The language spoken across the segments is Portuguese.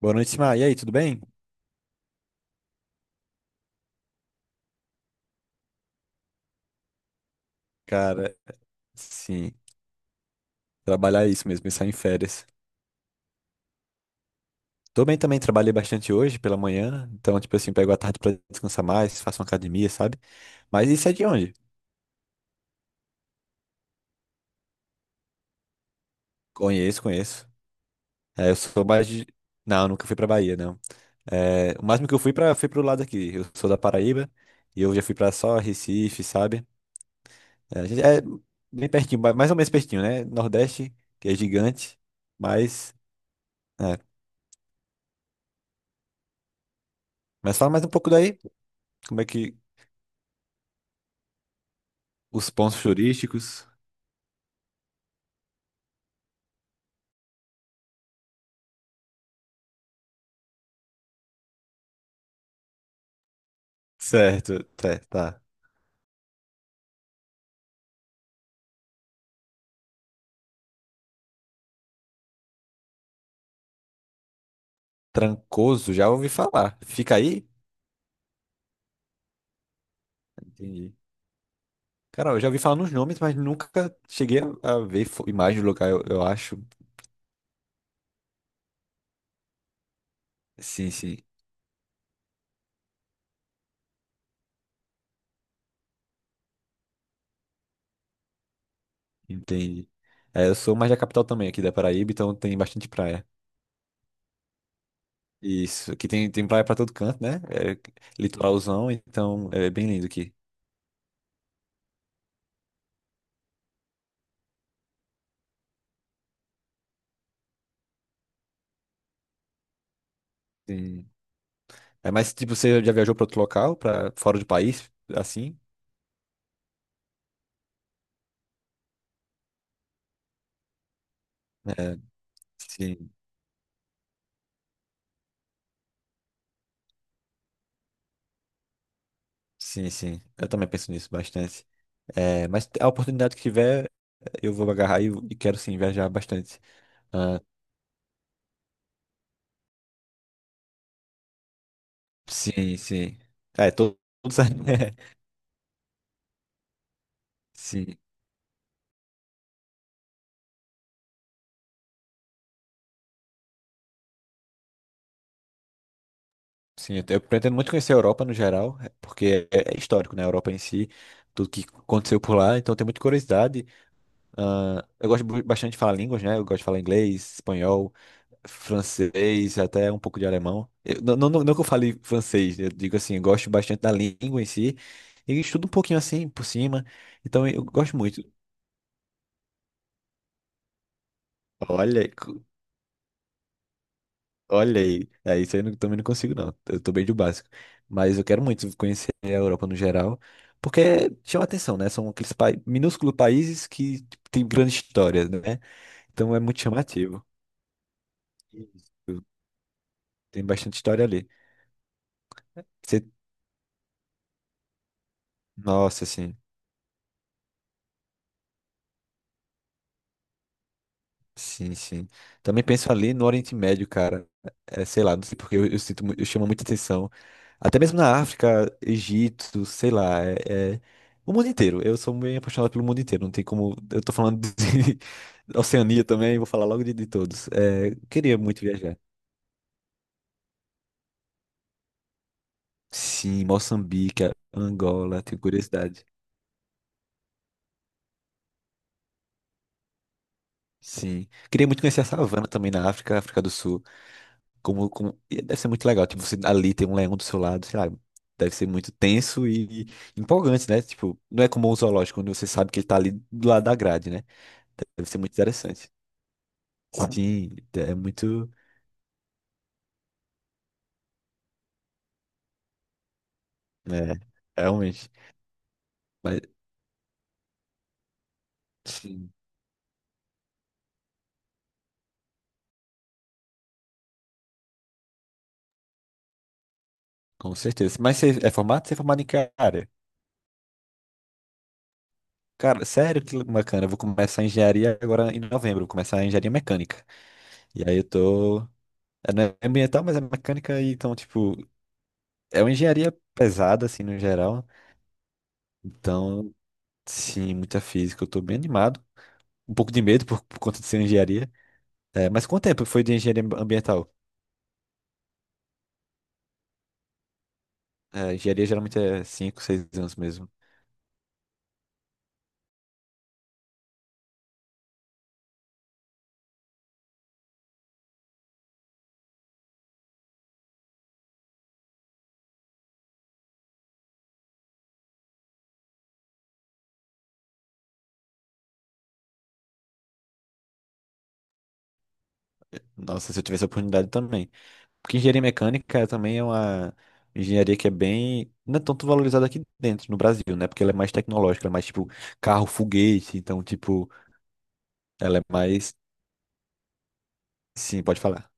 Boa noite, Simar. E aí, tudo bem? Cara, sim, trabalhar é isso mesmo, pensar em férias. Tô bem também, trabalhei bastante hoje pela manhã, então, tipo assim, pego a tarde pra descansar mais, faço uma academia, sabe? Mas isso é de onde? Conheço, conheço. É, eu sou mais de. Não, nunca fui pra Bahia, não. É, o máximo que eu fui pra, foi pro lado aqui. Eu sou da Paraíba e eu já fui pra só Recife, sabe? É, é bem pertinho, mais ou menos pertinho, né? Nordeste, que é gigante, mas, é. Mas fala mais um pouco daí, como é que. Os pontos turísticos. Certo, tá, tá. Trancoso, já ouvi falar. Fica aí? Entendi. Cara, eu já ouvi falar nos nomes, mas nunca cheguei a ver imagem do lugar, eu acho. Sim, sim, entendi. É, eu sou mais da capital também, aqui da Paraíba, então tem bastante praia. Isso, aqui tem praia pra todo canto, né? É litoralzão, então é bem lindo aqui. Sim. É, mas, tipo, você já viajou pra outro local, pra fora do país, assim? É, sim. Sim, sim. Eu também penso nisso bastante. É, mas a oportunidade que tiver, eu vou agarrar e quero sim viajar bastante. Ah, sim, sim. É, todo todo sabe. Sim, sim. Eu pretendo muito conhecer a Europa no geral, é, porque é histórico, né? A Europa em si, tudo que aconteceu por lá, então eu tenho muita curiosidade. Ah, eu gosto bastante de falar línguas, né? Eu gosto de falar inglês, espanhol, francês, até um pouco de alemão. Não, não, não não que eu fale francês, eu digo assim, eu gosto bastante da língua em si e estudo um pouquinho assim por cima, então eu gosto muito. Olha, aí, olha aí, é, isso aí eu também não consigo não, eu tô bem do básico, mas eu quero muito conhecer a Europa no geral, porque chama atenção, né? São aqueles minúsculos países que tipo, têm grande história, né? Então é muito chamativo. Isso. Tem bastante história ali. Você. Nossa, assim. Sim, sim. Também penso ali no Oriente Médio, cara. É, sei lá, não sei porque eu sinto, eu chamo muita atenção. Até mesmo na África, Egito, sei lá, o mundo inteiro. Eu sou bem apaixonado pelo mundo inteiro. Não tem como. Eu tô falando de Oceania também, vou falar logo de todos. É, queria muito viajar. Sim, Moçambique, Angola, tenho curiosidade. Sim. Queria muito conhecer a savana também na África, África do Sul. Como, como... e Deve ser muito legal. Tipo, você ali tem um leão do seu lado, sei lá, deve ser muito tenso e empolgante, né? Tipo, não é como um zoológico, onde você sabe que ele tá ali do lado da grade, né? Deve ser muito interessante. Sim, é muito. É, realmente. Mas, sim, com certeza. Mas você é formado? Você é formado em que área? Cara, sério, que bacana. Eu vou começar a engenharia agora em novembro. Vou começar a engenharia mecânica. E aí eu tô. É, não é ambiental, mas é mecânica. E então, tipo, é uma engenharia pesada, assim, no geral. Então, sim, muita física. Eu tô bem animado. Um pouco de medo por conta de ser engenharia. É, mas quanto tempo foi de engenharia ambiental? É, engenharia geralmente é 5 6 anos mesmo. Nossa, se eu tivesse a oportunidade também. Porque engenharia mecânica também é uma engenharia que é bem. Não é tanto valorizada aqui dentro, no Brasil, né? Porque ela é mais tecnológica, ela é mais tipo carro, foguete. Então, tipo, ela é mais. Sim, pode falar.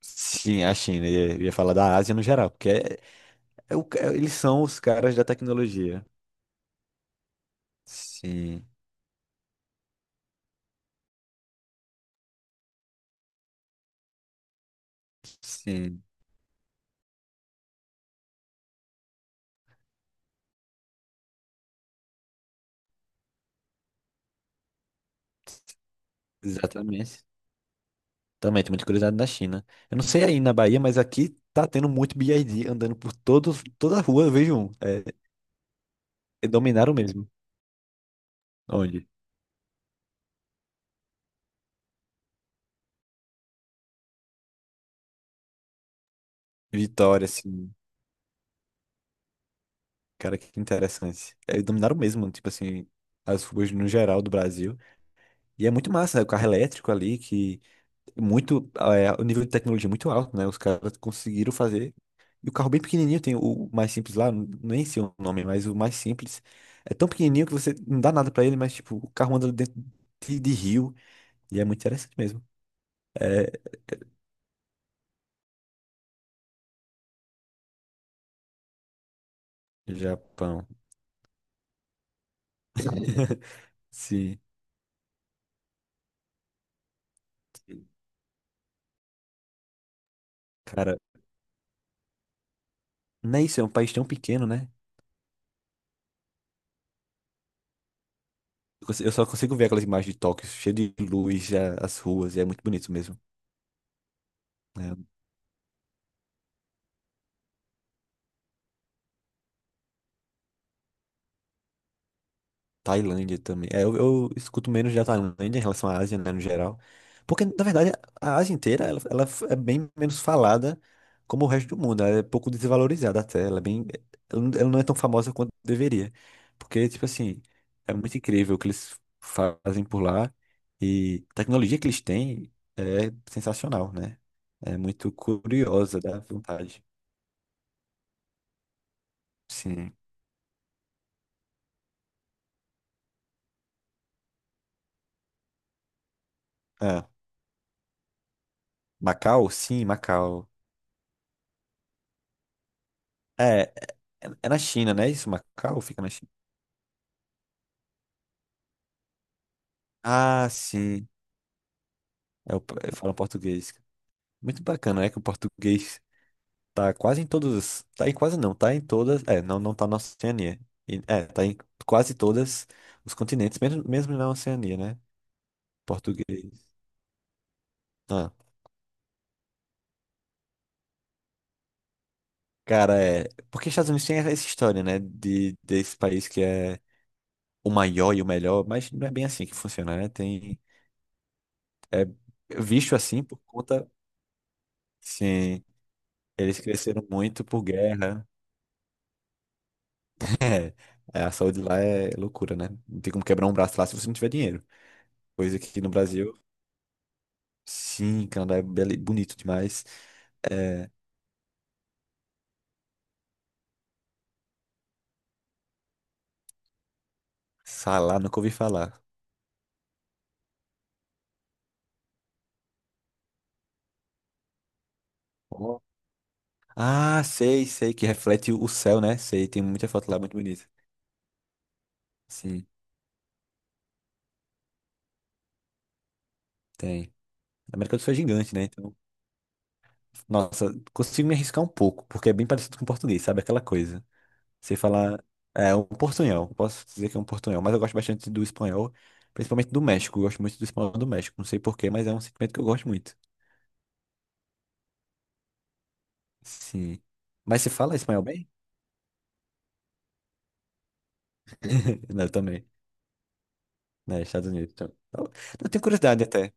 Sim, a China. Eu ia falar da Ásia no geral, porque eles são os caras da tecnologia. Sim. Sim, exatamente. Também tem muita curiosidade da China. Eu não sei aí na Bahia, mas aqui tá tendo muito BYD andando por todo, toda a rua, eu vejo um. É, dominaram mesmo. Onde? Vitória, assim. Cara, que interessante. É, dominaram mesmo, tipo assim, as ruas no geral do Brasil. E é muito massa, né? O carro elétrico ali, que muito, é, o nível de tecnologia é muito alto, né? Os caras conseguiram fazer. E o carro bem pequenininho, tem o mais simples lá, nem sei o nome, mas o mais simples é tão pequenininho que você não dá nada pra ele, mas tipo, o carro anda dentro de rio e é muito interessante mesmo. É, Japão. Sim, cara, não é isso, é um país tão pequeno, né? Eu só consigo ver aquelas imagens de Tóquio, cheio de luz, as ruas, e é muito bonito mesmo. Né? Tailândia também. É, eu escuto menos da Tailândia em relação à Ásia, né, no geral. Porque, na verdade, a Ásia inteira, ela é bem menos falada como o resto do mundo. Ela é pouco desvalorizada até. Ela é bem, ela não é tão famosa quanto deveria. Porque, tipo assim, é muito incrível o que eles fazem por lá. E a tecnologia que eles têm é sensacional, né? É muito curiosa, dá vontade. Sim. É. Macau? Sim, Macau. É, é na China, né? Isso, Macau fica na China. Ah, sim. Eu falo português. Muito bacana, é que o português tá quase em todas. Tá em quase não, tá em todas. É, não, não tá na Oceania. É, tá em quase todas os continentes, mesmo, mesmo na Oceania, né? Português. Ah, cara, é. Porque Estados Unidos tem essa história, né? De, desse país que é o maior e o melhor, mas não é bem assim que funciona, né? Tem. É visto assim por conta. Sim. Eles cresceram muito por guerra. É, a saúde lá é loucura, né? Não tem como quebrar um braço lá se você não tiver dinheiro. Coisa que aqui no Brasil, sim, Canadá é bonito demais. É, Salá, nunca ouvi falar. Ó. Ah, sei, sei, que reflete o céu, né? Sei, tem muita foto lá muito bonita. Sim, tem. A América do Sul é gigante, né? Então, nossa, consigo me arriscar um pouco, porque é bem parecido com o português, sabe? Aquela coisa. Sei falar. É um portunhol. Posso dizer que é um portunhol. Mas eu gosto bastante do espanhol, principalmente do México. Eu gosto muito do espanhol do México. Não sei porquê, mas é um sentimento que eu gosto muito. Sim. Mas você fala espanhol bem? Não, eu também. Né, Estados Unidos. Então. Eu eu tenho curiosidade até.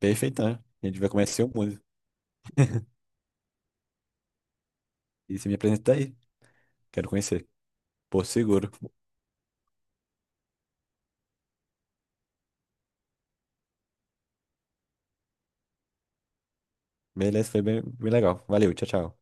Perfeito, né? A gente vai conhecer o mundo. E você me apresenta aí. Quero conhecer. Porto Seguro. Beleza, foi bem, bem legal. Valeu, tchau, tchau.